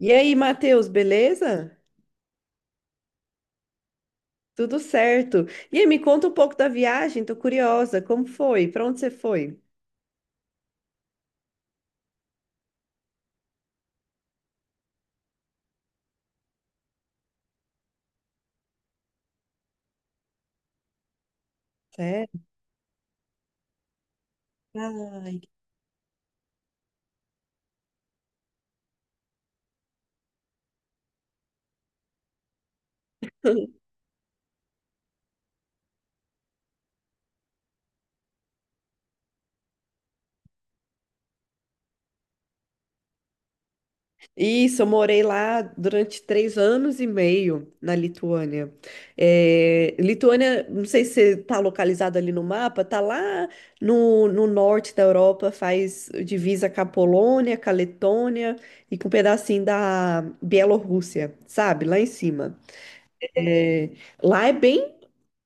E aí, Matheus, beleza? Tudo certo. E aí, me conta um pouco da viagem, tô curiosa, como foi? Para onde você foi? Sério? Ai. Isso, eu morei lá durante 3 anos e meio na Lituânia. É, Lituânia, não sei se você tá localizado ali no mapa, tá lá no norte da Europa, faz divisa com a Polônia, com a Letônia e com um pedacinho da Bielorrússia, sabe? Lá em cima. É, lá é bem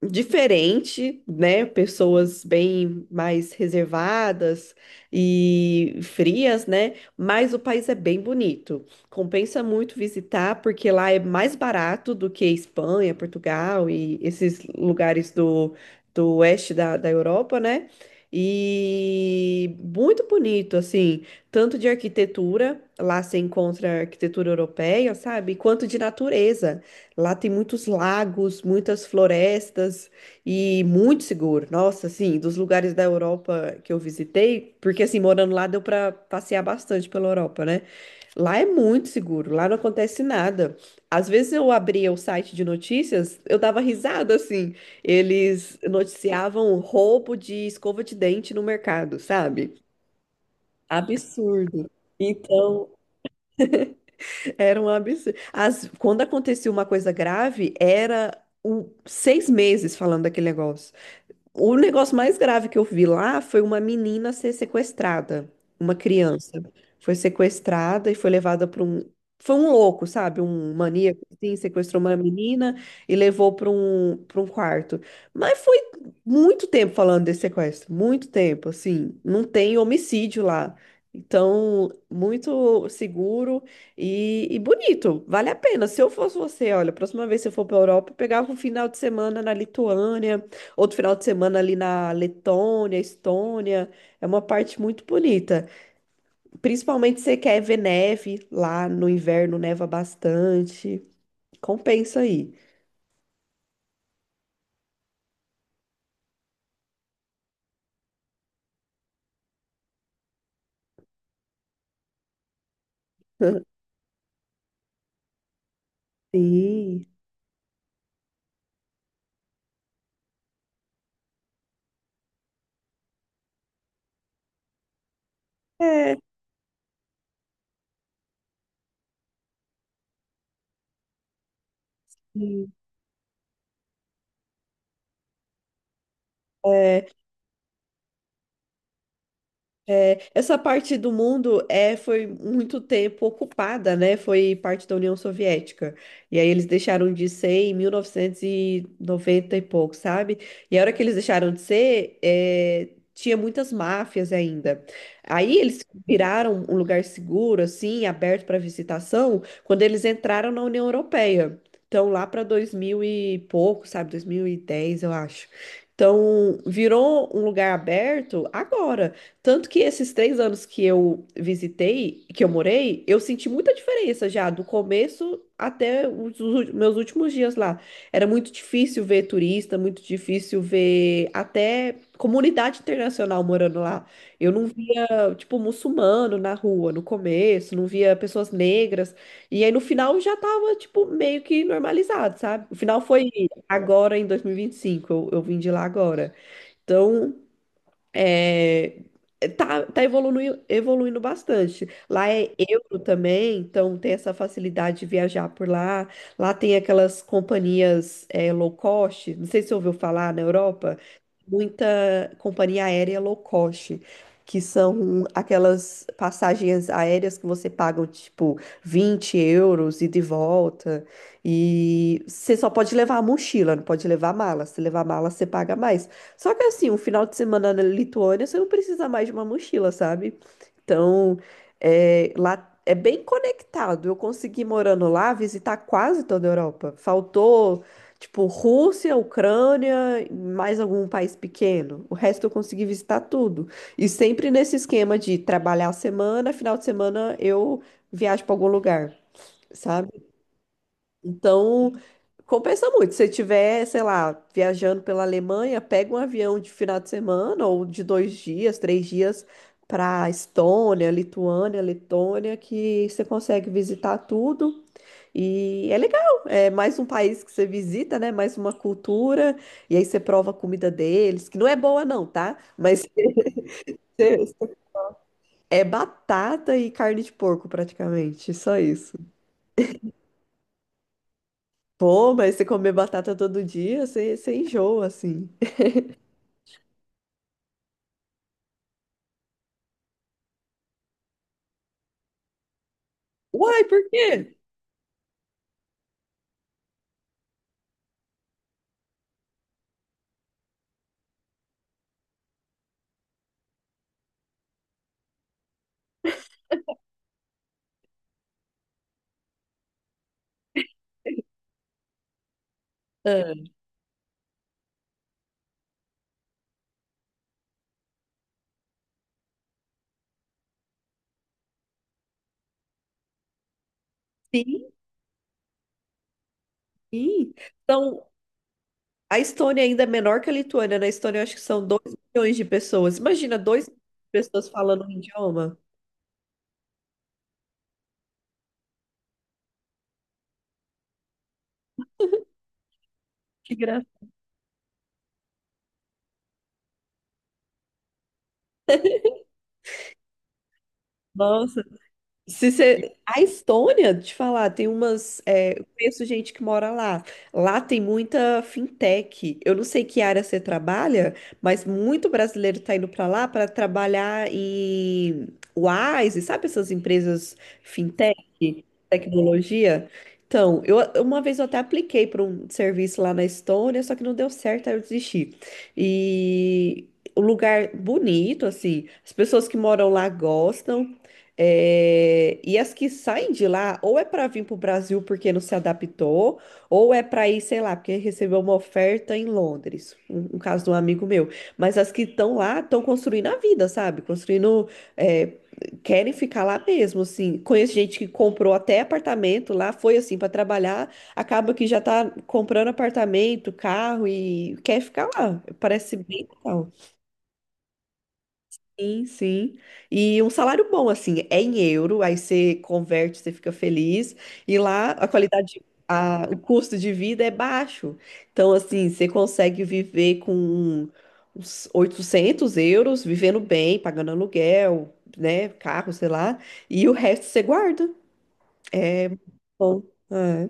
diferente, né? Pessoas bem mais reservadas e frias, né? Mas o país é bem bonito. Compensa muito visitar, porque lá é mais barato do que Espanha, Portugal e esses lugares do oeste da Europa, né? E muito bonito, assim, tanto de arquitetura, lá se encontra arquitetura europeia, sabe? Quanto de natureza. Lá tem muitos lagos, muitas florestas e muito seguro. Nossa, assim, dos lugares da Europa que eu visitei, porque assim, morando lá deu para passear bastante pela Europa, né? Lá é muito seguro, lá não acontece nada. Às vezes eu abria o site de notícias, eu dava risada assim. Eles noticiavam roubo de escova de dente no mercado, sabe? Absurdo. Então, era um absurdo. Quando acontecia uma coisa grave, era 6 meses falando daquele negócio. O negócio mais grave que eu vi lá foi uma menina ser sequestrada, uma criança. Foi sequestrada e foi levada para um. Foi um louco, sabe? Um maníaco, assim, sequestrou uma menina e levou para um quarto. Mas foi muito tempo falando desse sequestro, muito tempo, assim. Não tem homicídio lá. Então, muito seguro e bonito. Vale a pena. Se eu fosse você, olha, a próxima vez que você for para a Europa, eu pegava um final de semana na Lituânia. Outro final de semana ali na Letônia, Estônia, é uma parte muito bonita. Principalmente se você quer ver neve lá no inverno, neva bastante. Compensa aí. Sim. É. Sim. É, É, essa parte do mundo é, foi muito tempo ocupada, né? Foi parte da União Soviética. E aí eles deixaram de ser em 1990 e noventa e pouco, sabe? E a hora que eles deixaram de ser, tinha muitas máfias ainda. Aí eles viraram um lugar seguro, assim, aberto para visitação, quando eles entraram na União Europeia. Então, lá para 2000 e pouco, sabe? 2010, eu acho. Então, virou um lugar aberto agora. Tanto que esses 3 anos que eu visitei, que eu morei, eu senti muita diferença já, do começo até meus últimos dias lá. Era muito difícil ver turista, muito difícil ver até comunidade internacional morando lá. Eu não via, tipo, muçulmano na rua no começo, não via pessoas negras. E aí no final já tava, tipo, meio que normalizado, sabe? O final foi agora em 2025, eu vim de lá agora. Então. É, tá evoluindo, evoluindo bastante. Lá é euro também, então tem essa facilidade de viajar por lá. Lá tem aquelas companhias low cost, não sei se você ouviu falar na Europa, muita companhia aérea low cost, que são aquelas passagens aéreas que você paga tipo €20 ida e de volta. E você só pode levar a mochila, não pode levar mala. Se levar mala, você paga mais. Só que assim, um final de semana na Lituânia, você não precisa mais de uma mochila, sabe? Então, lá é bem conectado. Eu consegui, morando lá, visitar quase toda a Europa. Faltou, tipo, Rússia, Ucrânia, mais algum país pequeno. O resto eu consegui visitar tudo. E sempre nesse esquema de trabalhar a semana, final de semana eu viajo para algum lugar, então, compensa muito. Se você estiver, sei lá, viajando pela Alemanha, pega um avião de final de semana ou de 2 dias, 3 dias para Estônia, Lituânia, Letônia, que você consegue visitar tudo. E é legal, é mais um país que você visita, né? Mais uma cultura, e aí você prova a comida deles, que não é boa não, tá? Mas é batata e carne de porco praticamente, só isso. Pô, mas você comer batata todo dia, você enjoa, assim. Uai, por quê? Ah, sim, sim. Então, a Estônia ainda é menor que a Lituânia. Na Estônia, eu acho que são 2 milhões de pessoas. Imagina, 2 milhões de pessoas falando um idioma. Que graça. Se você... A Estônia, te falar, tem umas. É, eu conheço gente que mora lá. Lá tem muita fintech. Eu não sei que área você trabalha, mas muito brasileiro está indo para lá para trabalhar em Wise, sabe essas empresas fintech, tecnologia? Então, uma vez eu até apliquei para um serviço lá na Estônia, só que não deu certo, aí eu desisti. E. O lugar bonito, assim, as pessoas que moram lá gostam. É, e as que saem de lá, ou é para vir para o Brasil porque não se adaptou, ou é para ir, sei lá, porque recebeu uma oferta em Londres, um caso de um amigo meu. Mas as que estão lá estão construindo a vida, sabe? Construindo, é, querem ficar lá mesmo, assim. Conheço gente que comprou até apartamento lá, foi assim para trabalhar, acaba que já tá comprando apartamento, carro e quer ficar lá. Parece bem legal. Sim, sim. E um salário bom, assim, é em euro, aí você converte, você fica feliz. E lá a qualidade, o custo de vida é baixo. Então, assim, você consegue viver com uns €800, vivendo bem, pagando aluguel, né, carro, sei lá. E o resto você guarda. É bom. É.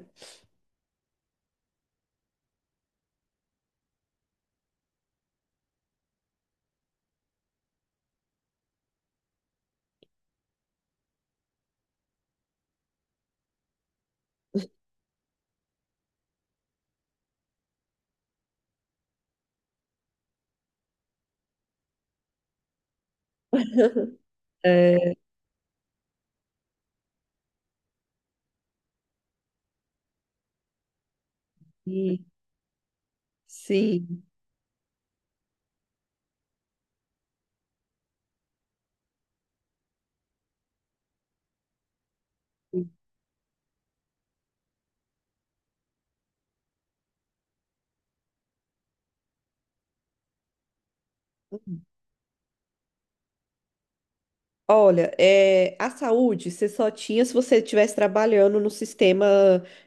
É, e- sim. Olha, a saúde você só tinha se você estivesse trabalhando no sistema,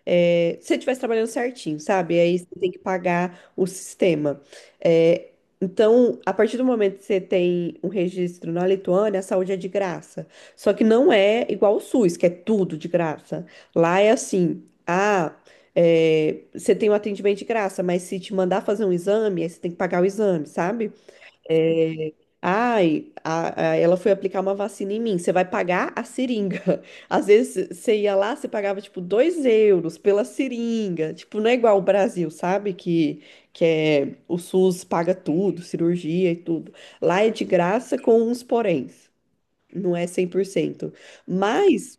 se você estivesse trabalhando certinho, sabe? Aí você tem que pagar o sistema. É, então, a partir do momento que você tem um registro na Lituânia, a saúde é de graça. Só que não é igual o SUS, que é tudo de graça. Lá é assim, você tem um atendimento de graça, mas se te mandar fazer um exame, aí você tem que pagar o exame, sabe? Ai, ela foi aplicar uma vacina em mim. Você vai pagar a seringa. Às vezes você ia lá, você pagava tipo €2 pela seringa. Tipo, não é igual o Brasil, sabe? Que é, o SUS paga tudo, cirurgia e tudo. Lá é de graça com uns poréns. Não é 100%. Mas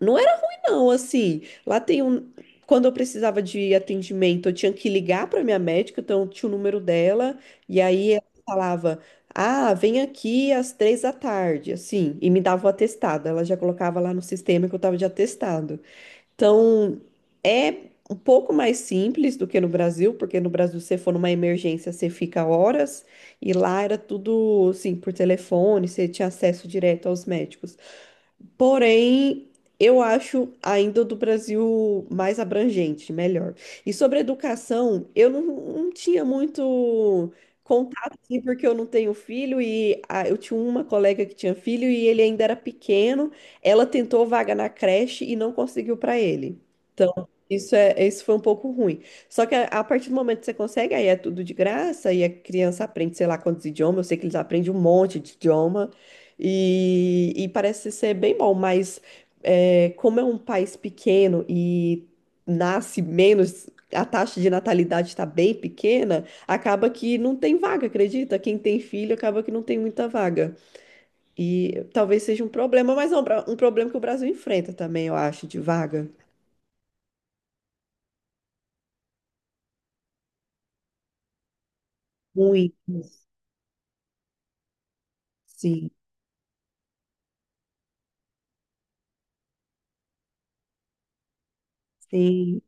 não era ruim, não, assim. Lá tem um. Quando eu precisava de atendimento, eu tinha que ligar para minha médica, então tinha o número dela, e aí ela falava: Ah, vem aqui às 3 da tarde, assim, e me dava o atestado. Ela já colocava lá no sistema que eu estava de atestado. Então, é um pouco mais simples do que no Brasil, porque no Brasil, se você for numa emergência, você fica horas, e lá era tudo, assim, por telefone, você tinha acesso direto aos médicos. Porém, eu acho ainda do Brasil mais abrangente, melhor. E sobre educação, eu não tinha muito contato, assim, porque eu não tenho filho e eu tinha uma colega que tinha filho e ele ainda era pequeno. Ela tentou vaga na creche e não conseguiu para ele. Então, isso foi um pouco ruim. Só que a partir do momento que você consegue, aí é tudo de graça e a criança aprende, sei lá quantos idiomas. Eu sei que eles aprendem um monte de idioma. E parece ser bem bom, mas como é um país pequeno e nasce menos, a taxa de natalidade está bem pequena, acaba que não tem vaga, acredita? Quem tem filho acaba que não tem muita vaga. E talvez seja um problema, mas é um problema que o Brasil enfrenta também, eu acho, de vaga. Muitos. Sim, sim.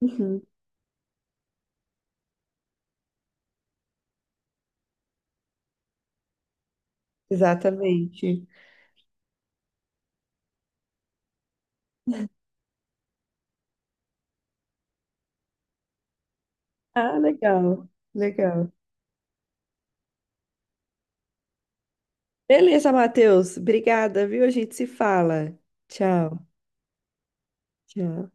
Uhum, exatamente. Ah, legal, legal. Beleza, Matheus. Obrigada, viu? A gente se fala. Tchau. Tchau.